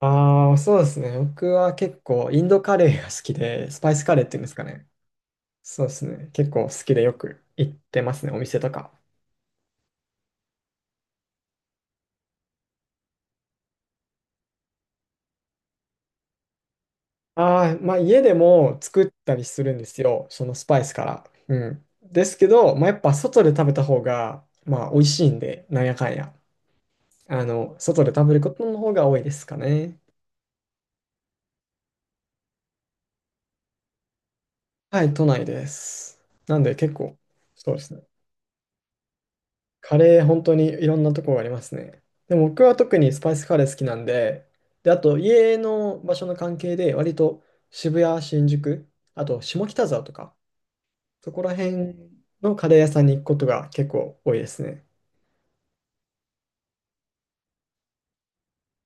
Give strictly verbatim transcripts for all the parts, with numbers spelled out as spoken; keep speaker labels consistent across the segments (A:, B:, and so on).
A: ああ、そうですね。僕は結構インドカレーが好きで、スパイスカレーっていうんですかね。そうですね。結構好きでよく行ってますね、お店とか。ああ、まあ家でも作ったりするんですよ、そのスパイスから。うん。ですけど、まあやっぱ外で食べた方が、まあ美味しいんで、なんやかんや。あの、外で食べることの方が多いですかね。はい、都内です。なんで結構、そうですね。カレー本当にいろんなとこがありますね。でも僕は特にスパイスカレー好きなんで、で、あと家の場所の関係で割と渋谷、新宿、あと下北沢とか、そこら辺のカレー屋さんに行くことが結構多いですね。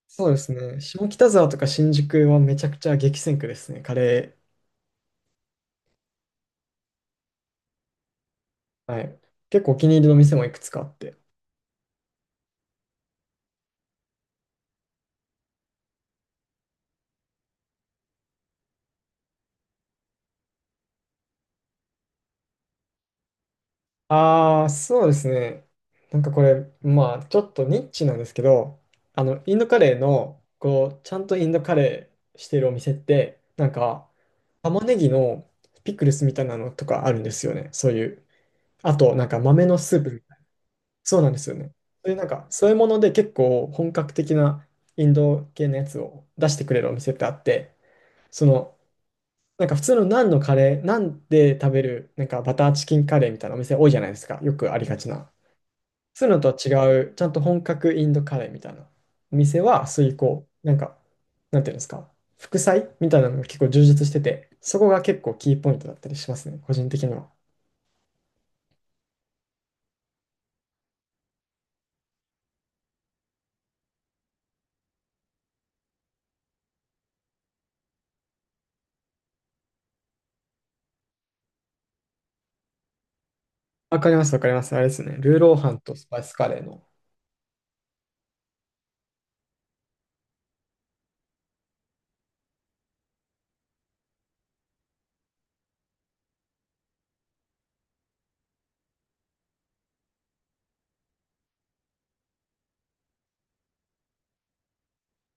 A: そうですね。下北沢とか新宿はめちゃくちゃ激戦区ですね、カレー。はい。結構お気に入りの店もいくつかあって。ああ、そうですね。なんかこれ、まあ、ちょっとニッチなんですけど、あの、インドカレーの、こう、ちゃんとインドカレーしてるお店って、なんか、玉ねぎのピクルスみたいなのとかあるんですよね。そういう。あと、なんか豆のスープみたいな。そうなんですよね。そういうなんか、そういうもので結構本格的なインド系のやつを出してくれるお店ってあって、その、なんか普通のナンのカレー、ナンで食べる、なんかバターチキンカレーみたいなお店多いじゃないですか。よくありがちな。そういうのとは違う、ちゃんと本格インドカレーみたいなお店は水耕、なんか、なんていうんですか、副菜みたいなのが結構充実してて、そこが結構キーポイントだったりしますね、個人的には。わかります、わかります。あれですね、ルーローハンとスパイスカレーの。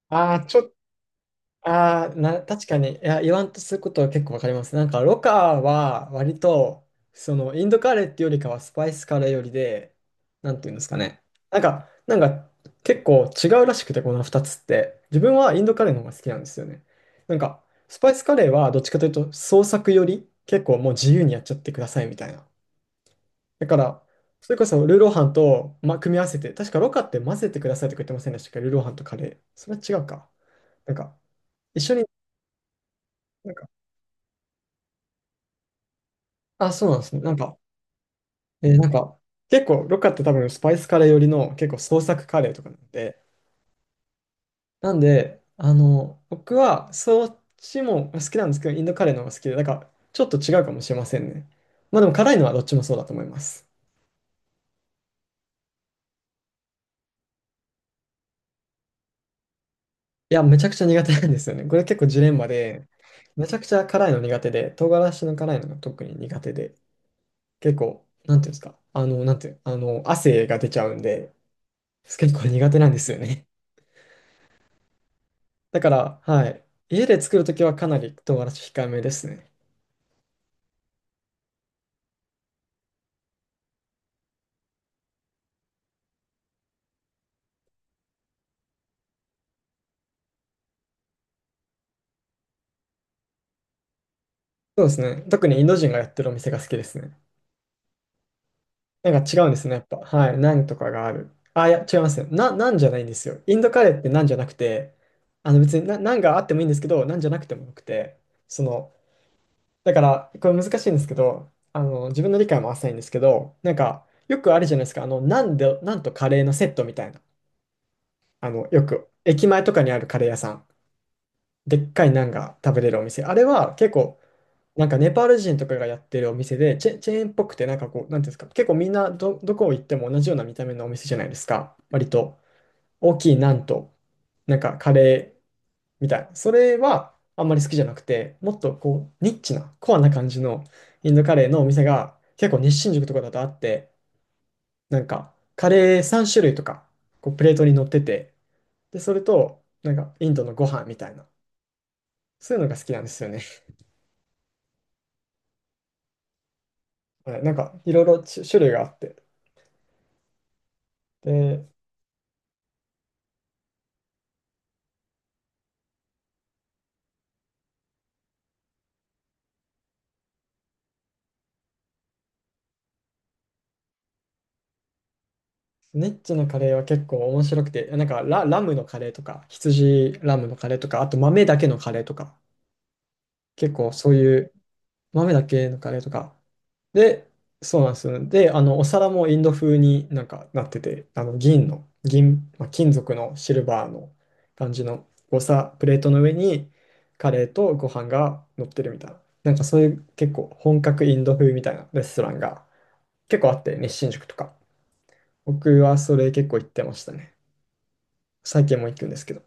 A: ああ、ちょっああ、な、確かに、いや、言わんとすることは結構わかります。なんか、ロカは割と、その、インドカレーっていうよりかはスパイスカレーよりで、なんていうんですかね。なんか、なんか、結構違うらしくて、このふたつって。自分はインドカレーの方が好きなんですよね。なんか、スパイスカレーはどっちかというと、創作より、結構もう自由にやっちゃってくださいみたいな。だから、それこそルーローハンと、ま、組み合わせて、確かロカって混ぜてくださいとか言ってませんでしたっけルーローハンとカレー。それは違うか。なんか、一緒に、なんかあ、そうなんですね。なんか、えーなんか、結構、ロッカって多分スパイスカレー寄りの結構創作カレーとかなんで、なんで、あの、僕はそっちも好きなんですけど、インドカレーの方が好きで、なんか、ちょっと違うかもしれませんね。まあでも辛いのはどっちもそうだと思います。いや、めちゃくちゃ苦手なんですよね。これ結構ジレンマで、めちゃくちゃ辛いの苦手で、唐辛子の辛いのが特に苦手で、結構、なんていうんですか、あの、なんていう、あの、汗が出ちゃうんで、結構苦手なんですよね。だから、はい。家で作るときはかなり唐辛子控えめですね。そうですね。特にインド人がやってるお店が好きですね。なんか違うんですね、やっぱ。はい。ナンとかがある。あ、いや、違いますね。な、ナンじゃないんですよ。インドカレーってナンじゃなくて、あの別にナ、ナンがあってもいいんですけど、ナンじゃなくてもよくて、その、だから、これ難しいんですけど、あの、自分の理解も浅いんですけど、なんか、よくあるじゃないですか。あの、ナンで、ナンとカレーのセットみたいな。あの、よく、駅前とかにあるカレー屋さん。でっかいナンが食べれるお店。あれは結構、なんかネパール人とかがやってるお店で、チェ、チェーンっぽくて、なんかこう、なんていうんですか、結構みんなど、どこ行っても同じような見た目のお店じゃないですか。割と大きいナンと、なんかカレーみたいな。それはあんまり好きじゃなくて、もっとこう、ニッチな、コアな感じのインドカレーのお店が結構日新宿とかだとあって、なんかカレーさん種類とか、こうプレートに乗ってて、で、それと、なんかインドのご飯みたいな、そういうのが好きなんですよね。はいなんかいろいろ種種類があって。でネッチのカレーは結構面白くて、なんかラ、ラムのカレーとか、羊ラムのカレーとか、あと豆だけのカレーとか、結構そういう豆だけのカレーとか。で、そうなんですよ。で、あの、お皿もインド風になんかなってて、あの、銀の、銀、まあ、金属のシルバーの感じのお皿、プレートの上にカレーとご飯が乗ってるみたいな。なんかそういう結構本格インド風みたいなレストランが結構あって、日進食とか。僕はそれ結構行ってましたね。最近も行くんですけど。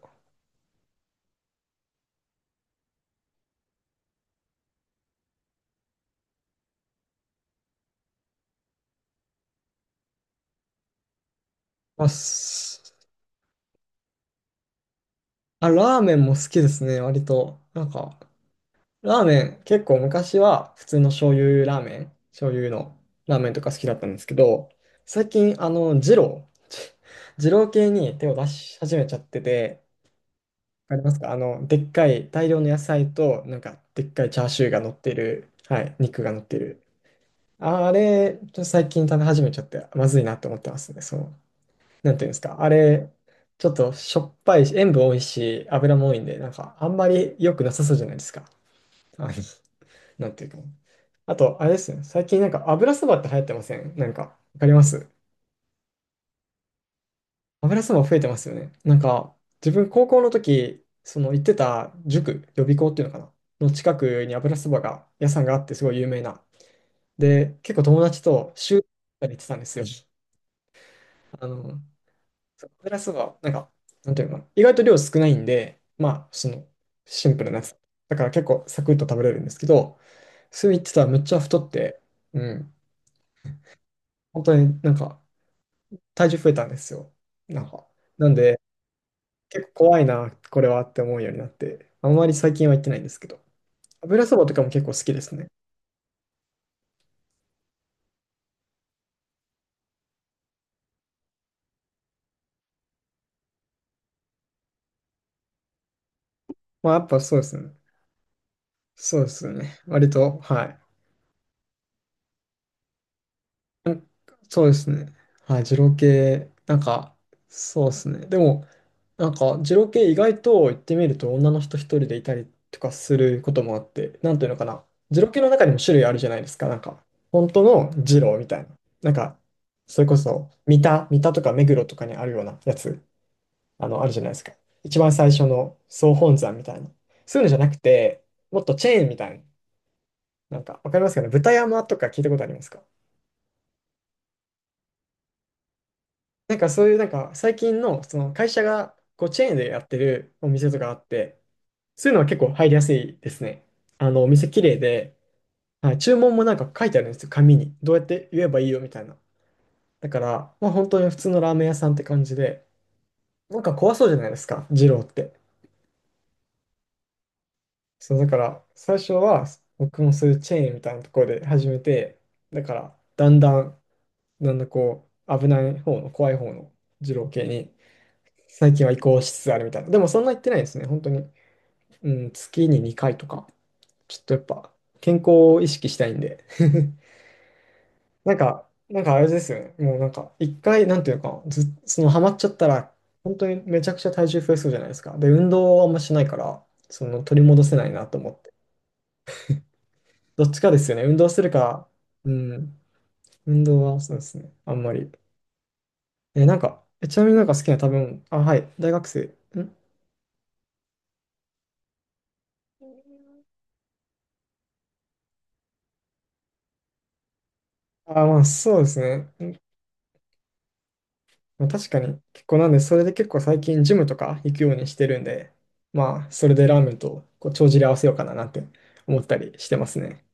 A: あ、すあラーメンも好きですね、割と。なんか、ラーメン、結構昔は普通の醤油ラーメン、醤油のラーメンとか好きだったんですけど、最近、あの、二郎、二郎系に手を出し始めちゃってて、わかりますかあの、でっかい大量の野菜と、なんか、でっかいチャーシューが乗ってる、はい、肉が乗ってる。あれ、ちょっと最近食べ始めちゃって、まずいなって思ってますね、そう。なんていうんですか、あれ、ちょっとしょっぱいし、塩分多いし、油も多いんで、なんかあんまり良くなさそうじゃないですか。あの、なんていうか。あと、あれですね、最近なんか油そばって流行ってませんなんか、わかります油そば増えてますよね。なんか、自分高校の時、その行ってた塾、予備校っていうのかなの近くに油そばが、屋さんがあってすごい有名な。で、結構友達と週に行ってたんですよ。あの、そうプラスは、なんか、なんていうのかな。意外と量少ないんで、まあ、その、シンプルなやつ。だから結構サクッと食べれるんですけど、それ言ってたらめっちゃ太って、うん。本当になんか、体重増えたんですよ。なんか。なんで、結構怖いな、これはって思うようになって、あんまり最近は行ってないんですけど、油そばとかも結構好きですね。まあ、やっぱそうですね。そうですよね。割と、はい。そうですね。はい、二郎系、なんか、そうですね。でも、なんか、二郎系意外と行ってみると女の人一人でいたりとかすることもあって、なんていうのかな。二郎系の中にも種類あるじゃないですか。なんか、本当の二郎みたいな。なんか、それこそ、三田、三田とか目黒とかにあるようなやつ、あの、あるじゃないですか。一番最初の総本山みたいな。そういうのじゃなくて、もっとチェーンみたいな。なんか、わかりますかね。豚山とか聞いたことありますかなんかそういうなんか最近のその会社がこうチェーンでやってるお店とかあって、そういうのは結構入りやすいですね。あのお店綺麗で、はい、注文もなんか書いてあるんですよ、紙に。どうやって言えばいいよみたいな。だから、まあ本当に普通のラーメン屋さんって感じで、なんか怖そうじゃないですか、二郎って。そうだから最初は僕もそういうチェーンみたいなところで始めて、だからだんだん、だんだんこう危ない方の怖い方の二郎系に最近は移行しつつあるみたいな。でもそんな言ってないですね、本当に。うん、月ににかいとか、ちょっとやっぱ健康を意識したいんで。なんか、なんかあれですよね。もうなんか、一回、なんていうのか、ず、そのハマっちゃったら、本当にめちゃくちゃ体重増えそうじゃないですか。で、運動はあんましないから、その取り戻せないなと思って。どっちかですよね。運動するか、うん、運動はそうですね。あんまり。え、なんか、えちなみになんか好きな食べ物、あ、はい、大学生。んあ、まあそうですね。まあ、確かに結構なんで、それで結構最近ジムとか行くようにしてるんで、まあ、それでラーメンとこう帳尻合わせようかななんて思ったりしてますね。